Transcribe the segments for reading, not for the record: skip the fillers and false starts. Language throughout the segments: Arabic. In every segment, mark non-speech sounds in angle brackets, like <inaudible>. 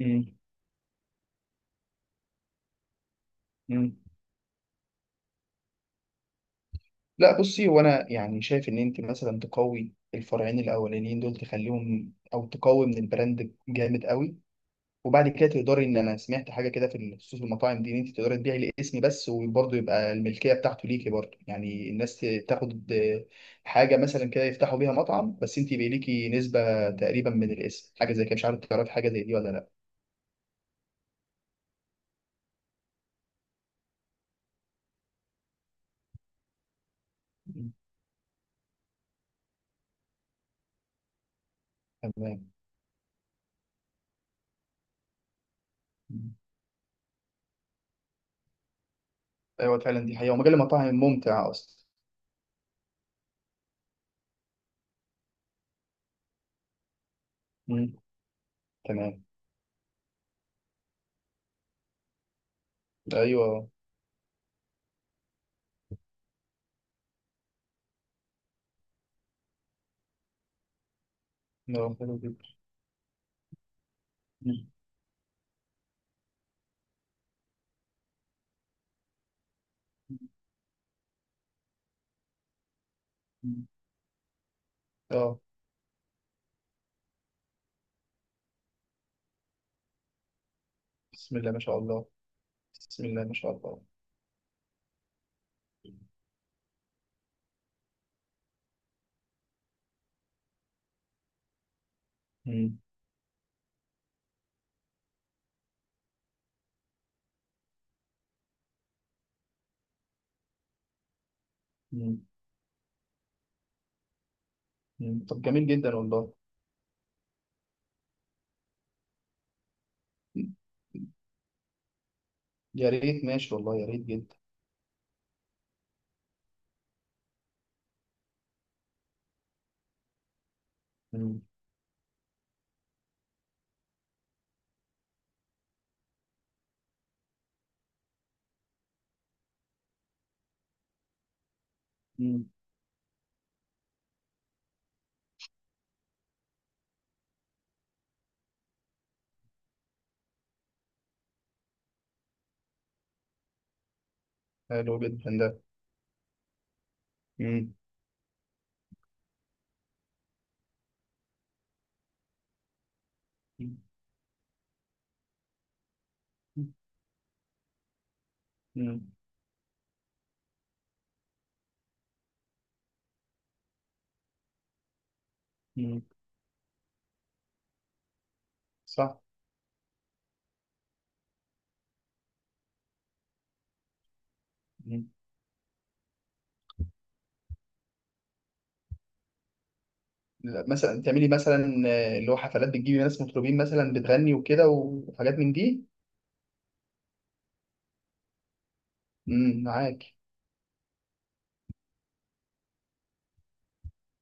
مم. مم. لا، بصي، هو انا يعني شايف ان انت مثلا تقوي الفرعين الاولانيين دول تخليهم، او تقوي من البراند جامد قوي. وبعد كده تقدري، ان انا سمعت حاجه كده في خصوص المطاعم دي ان انت تقدري تبيعي الاسم بس وبرضه يبقى الملكيه بتاعته ليكي، برضه يعني الناس تاخد حاجه مثلا كده يفتحوا بيها مطعم بس انت يبقى ليكي نسبه تقريبا من الاسم، حاجه زي كده. مش عارف، تعرفي حاجه زي دي ولا لا؟ مم. تمام. مم. ايوه فعلا، دي حقيقه ومجال المطاعم ممتع اصلا. مم. تمام. ايوه. اه، حلو جدا. مم. مم. اه، بسم الله ما شاء الله. بسم الله ما شاء الله. مم. مم. مم. طب جميل جدا والله. مم. يا ريت، ماشي والله، يا ريت جدا. مم. مم. حلو جدا ده. مم. مم. مم. مم. صح. مم. لا، مثلا تعملي مثلا اللي هو حفلات بتجيبي ناس مطربين مثلا بتغني وكده وحاجات من دي. مم. معاك.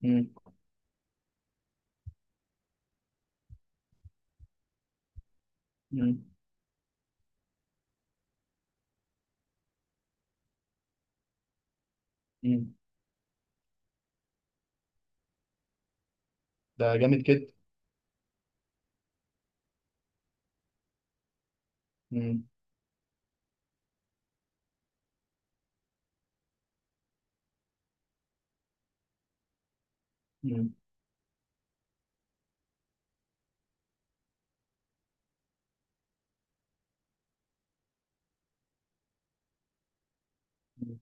مم. مم. مم. ده جامد جدا. مم. مم. مم.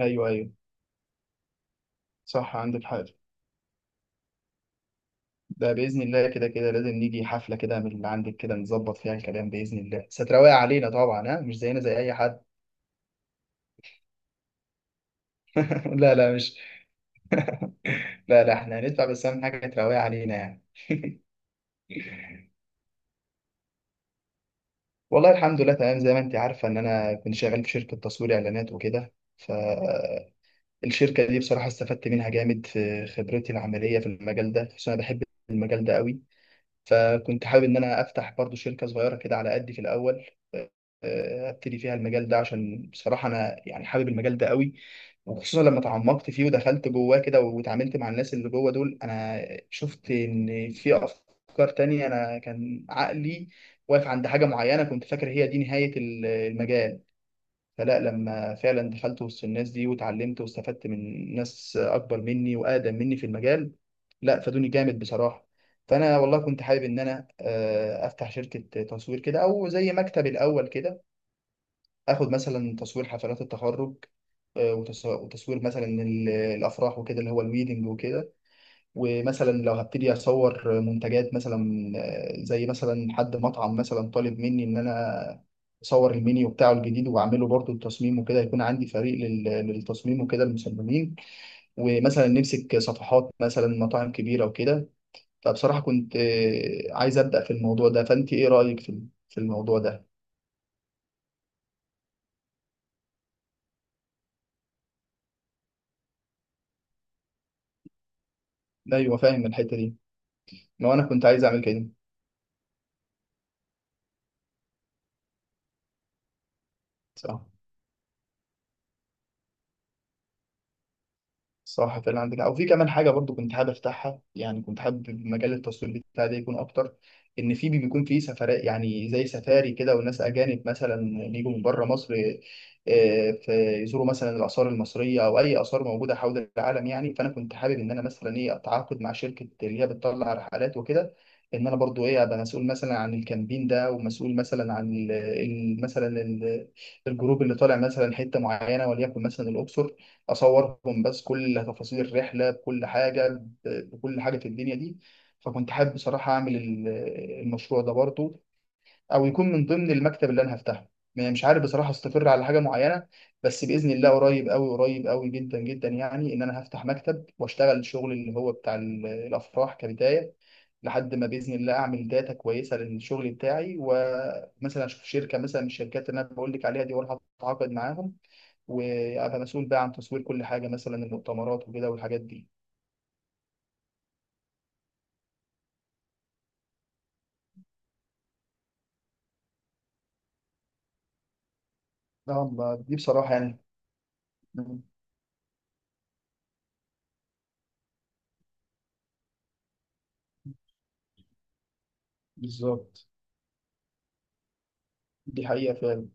ايوه، ايوه. صح، عندك حق. ده بإذن الله كده كده لازم نيجي حفلة كده من اللي عندك، كده نظبط فيها الكلام بإذن الله. ستراوي علينا طبعا، ها؟ مش زينا زي أي حد. <laughs> لا، لا، مش... لا، لا، احنا هندفع، بس أهم حاجة تراوي علينا يعني. والله الحمد لله تمام. زي ما أنت عارفة إن أنا كنت شغال في شركة تصوير إعلانات وكده، فالشركة دي بصراحة استفدت منها جامد في خبرتي العملية في المجال ده، خصوصا أنا بحب المجال ده قوي. فكنت حابب إن أنا أفتح برضو شركة صغيرة كده على قدي في الأول، ابتدي فيها المجال ده، عشان بصراحة أنا يعني حابب المجال ده قوي. وخصوصا لما تعمقت فيه ودخلت جواه كده واتعاملت مع الناس اللي جوه دول، انا شفت ان في افكار تانية. انا كان عقلي واقف عند حاجة معينة، كنت فاكر هي دي نهاية المجال. فلا، لما فعلا دخلت وسط الناس دي واتعلمت واستفدت من ناس اكبر مني واقدم مني في المجال، لا، فادوني جامد بصراحة. فانا والله كنت حابب ان انا افتح شركة تصوير كده او زي مكتب الاول كده. اخد مثلا تصوير حفلات التخرج، وتصوير مثلا الافراح وكده، اللي هو الويدنج وكده. ومثلا لو هبتدي اصور منتجات مثلا، زي مثلا حد مطعم مثلا طالب مني ان انا اصور المنيو بتاعه الجديد، واعمله برضه التصميم وكده. يكون عندي فريق للتصميم وكده المصممين. ومثلا نمسك صفحات مثلا مطاعم كبيره وكده. فبصراحه كنت عايز ابدا في الموضوع ده. فانت ايه رايك في الموضوع ده؟ ايوه، فاهم الحته دي. لو انا كنت عايز اعمل كده. صح. صح، فعلا عندك حق. وفي كمان حاجه برضو كنت حابب افتحها، يعني كنت حابب مجال التصوير بتاعي ده يكون اكتر، ان في بيكون في سفرات، يعني زي سفاري كده، والناس اجانب مثلا بيجوا من بره مصر، فيزوروا مثلا الاثار المصريه او اي اثار موجوده حول العالم يعني. فانا كنت حابب ان انا مثلا ايه، اتعاقد مع شركه اللي هي بتطلع رحلات وكده، ان انا برضو ايه، ابقى مسؤول مثلا عن الكامبين ده، ومسؤول مثلا عن الجروب اللي طالع مثلا حته معينه، وليكن مثلا الاقصر. اصورهم بس، كل تفاصيل الرحله بكل حاجه، بكل حاجه في الدنيا دي. فكنت حابب بصراحه اعمل المشروع ده برضه، او يكون من ضمن المكتب اللي انا هفتحه. يعني مش عارف بصراحه استقر على حاجه معينه، بس باذن الله قريب قوي قريب قوي جدا جدا، يعني ان انا هفتح مكتب واشتغل الشغل اللي هو بتاع الافراح كبدايه، لحد ما باذن الله اعمل داتا كويسه للشغل بتاعي، ومثلا اشوف شركه مثلا من الشركات اللي انا بقول لك عليها دي واروح اتعاقد معاهم، وابقى مسؤول بقى عن تصوير كل حاجه، مثلا المؤتمرات وكده والحاجات دي. اه، ما دي بصراحه يعني. مم. بالظبط. دي حقيقه فعلا.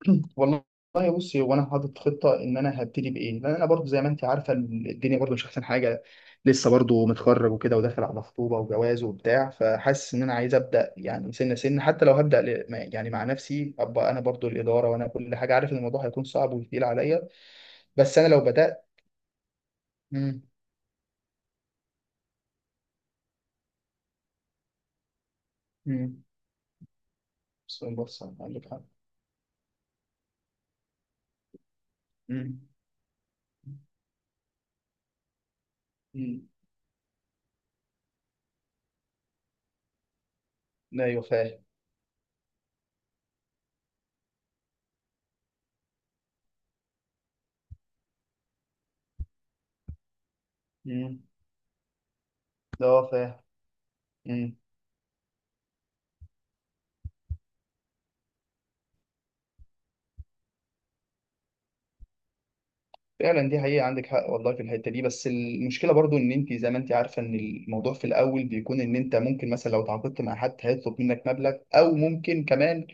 <clears throat> والله، والله بصي، هو انا حاطط خطه ان انا هبتدي بايه، لان انا برضو زي ما انت عارفه الدنيا برضو مش احسن حاجه. لسه برضو متخرج وكده، وداخل على خطوبه وجواز وبتاع، فحاسس ان انا عايز ابدا يعني سنه سنه، حتى لو هبدا يعني مع نفسي ابقى انا برضو الاداره وانا كل حاجه، عارف ان الموضوع هيكون صعب وتقيل عليا. بس انا لو بدات، امم امم بس بص، عندك حق. مم. مم. ايوه فاهم. مم. ده هو فاهم. مم. فعلا دي حقيقة، عندك حق والله في الحتة دي. بس المشكلة برضو، ان انت زي ما انت عارفة، ان الموضوع في الاول بيكون ان انت ممكن مثلا لو تعاقدت مع حد هيطلب منك مبلغ، او ممكن كمان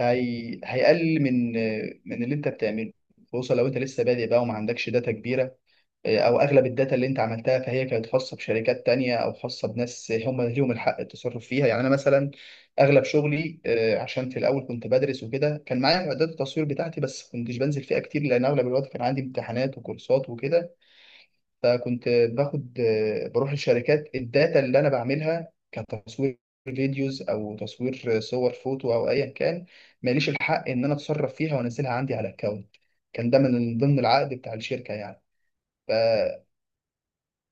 هيقل من اللي انت بتعمله، خصوصا لو انت لسه بادئ بقى وما عندكش داتا كبيرة، او اغلب الداتا اللي انت عملتها فهي كانت خاصه بشركات تانية، او خاصه بناس هم ليهم الحق التصرف فيها. يعني انا مثلا اغلب شغلي، عشان في الاول كنت بدرس وكده، كان معايا معدات التصوير بتاعتي بس كنتش بنزل فيها كتير، لان اغلب الوقت كان عندي امتحانات وكورسات وكده. فكنت باخد آه، بروح للشركات. الداتا اللي انا بعملها كتصوير فيديوز او تصوير صور فوتو او ايا كان، ماليش الحق ان انا اتصرف فيها وانزلها عندي على اكونت. كان ده من ضمن العقد بتاع الشركه يعني.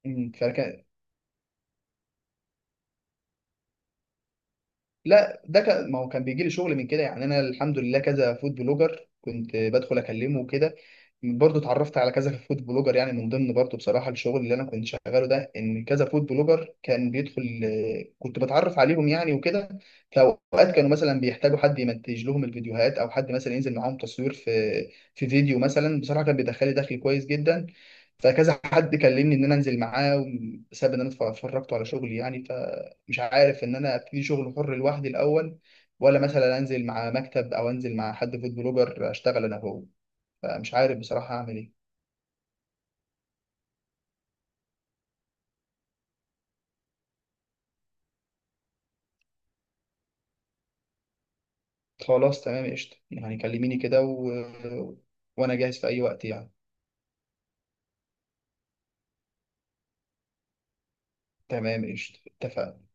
مم. فكان لا، ده كان، ما هو كان بيجي لي شغل من كده يعني. انا الحمد لله كذا فود بلوجر كنت بدخل اكلمه وكده، برضه اتعرفت على كذا فود بلوجر. يعني من ضمن برضه بصراحه الشغل اللي انا كنت شغاله ده، ان كذا فود بلوجر كان بيدخل، كنت بتعرف عليهم يعني وكده. فاوقات كانوا مثلا بيحتاجوا حد يمنتج لهم الفيديوهات، او حد مثلا ينزل معاهم تصوير في فيديو مثلا. بصراحه كان بيدخلي دخل كويس جدا. فكذا حد كلمني ان انا انزل معاه، بسبب ان انا اتفرجت على شغلي يعني. مش عارف ان انا ابتدي شغل حر لوحدي الاول، ولا مثلا انزل مع مكتب، او انزل مع حد فود بلوجر اشتغل انا هو. فمش عارف بصراحة اعمل ايه. خلاص تمام قشطة. يعني كلميني كده وانا جاهز في اي وقت يعني. تمام قشطة، اتفقنا.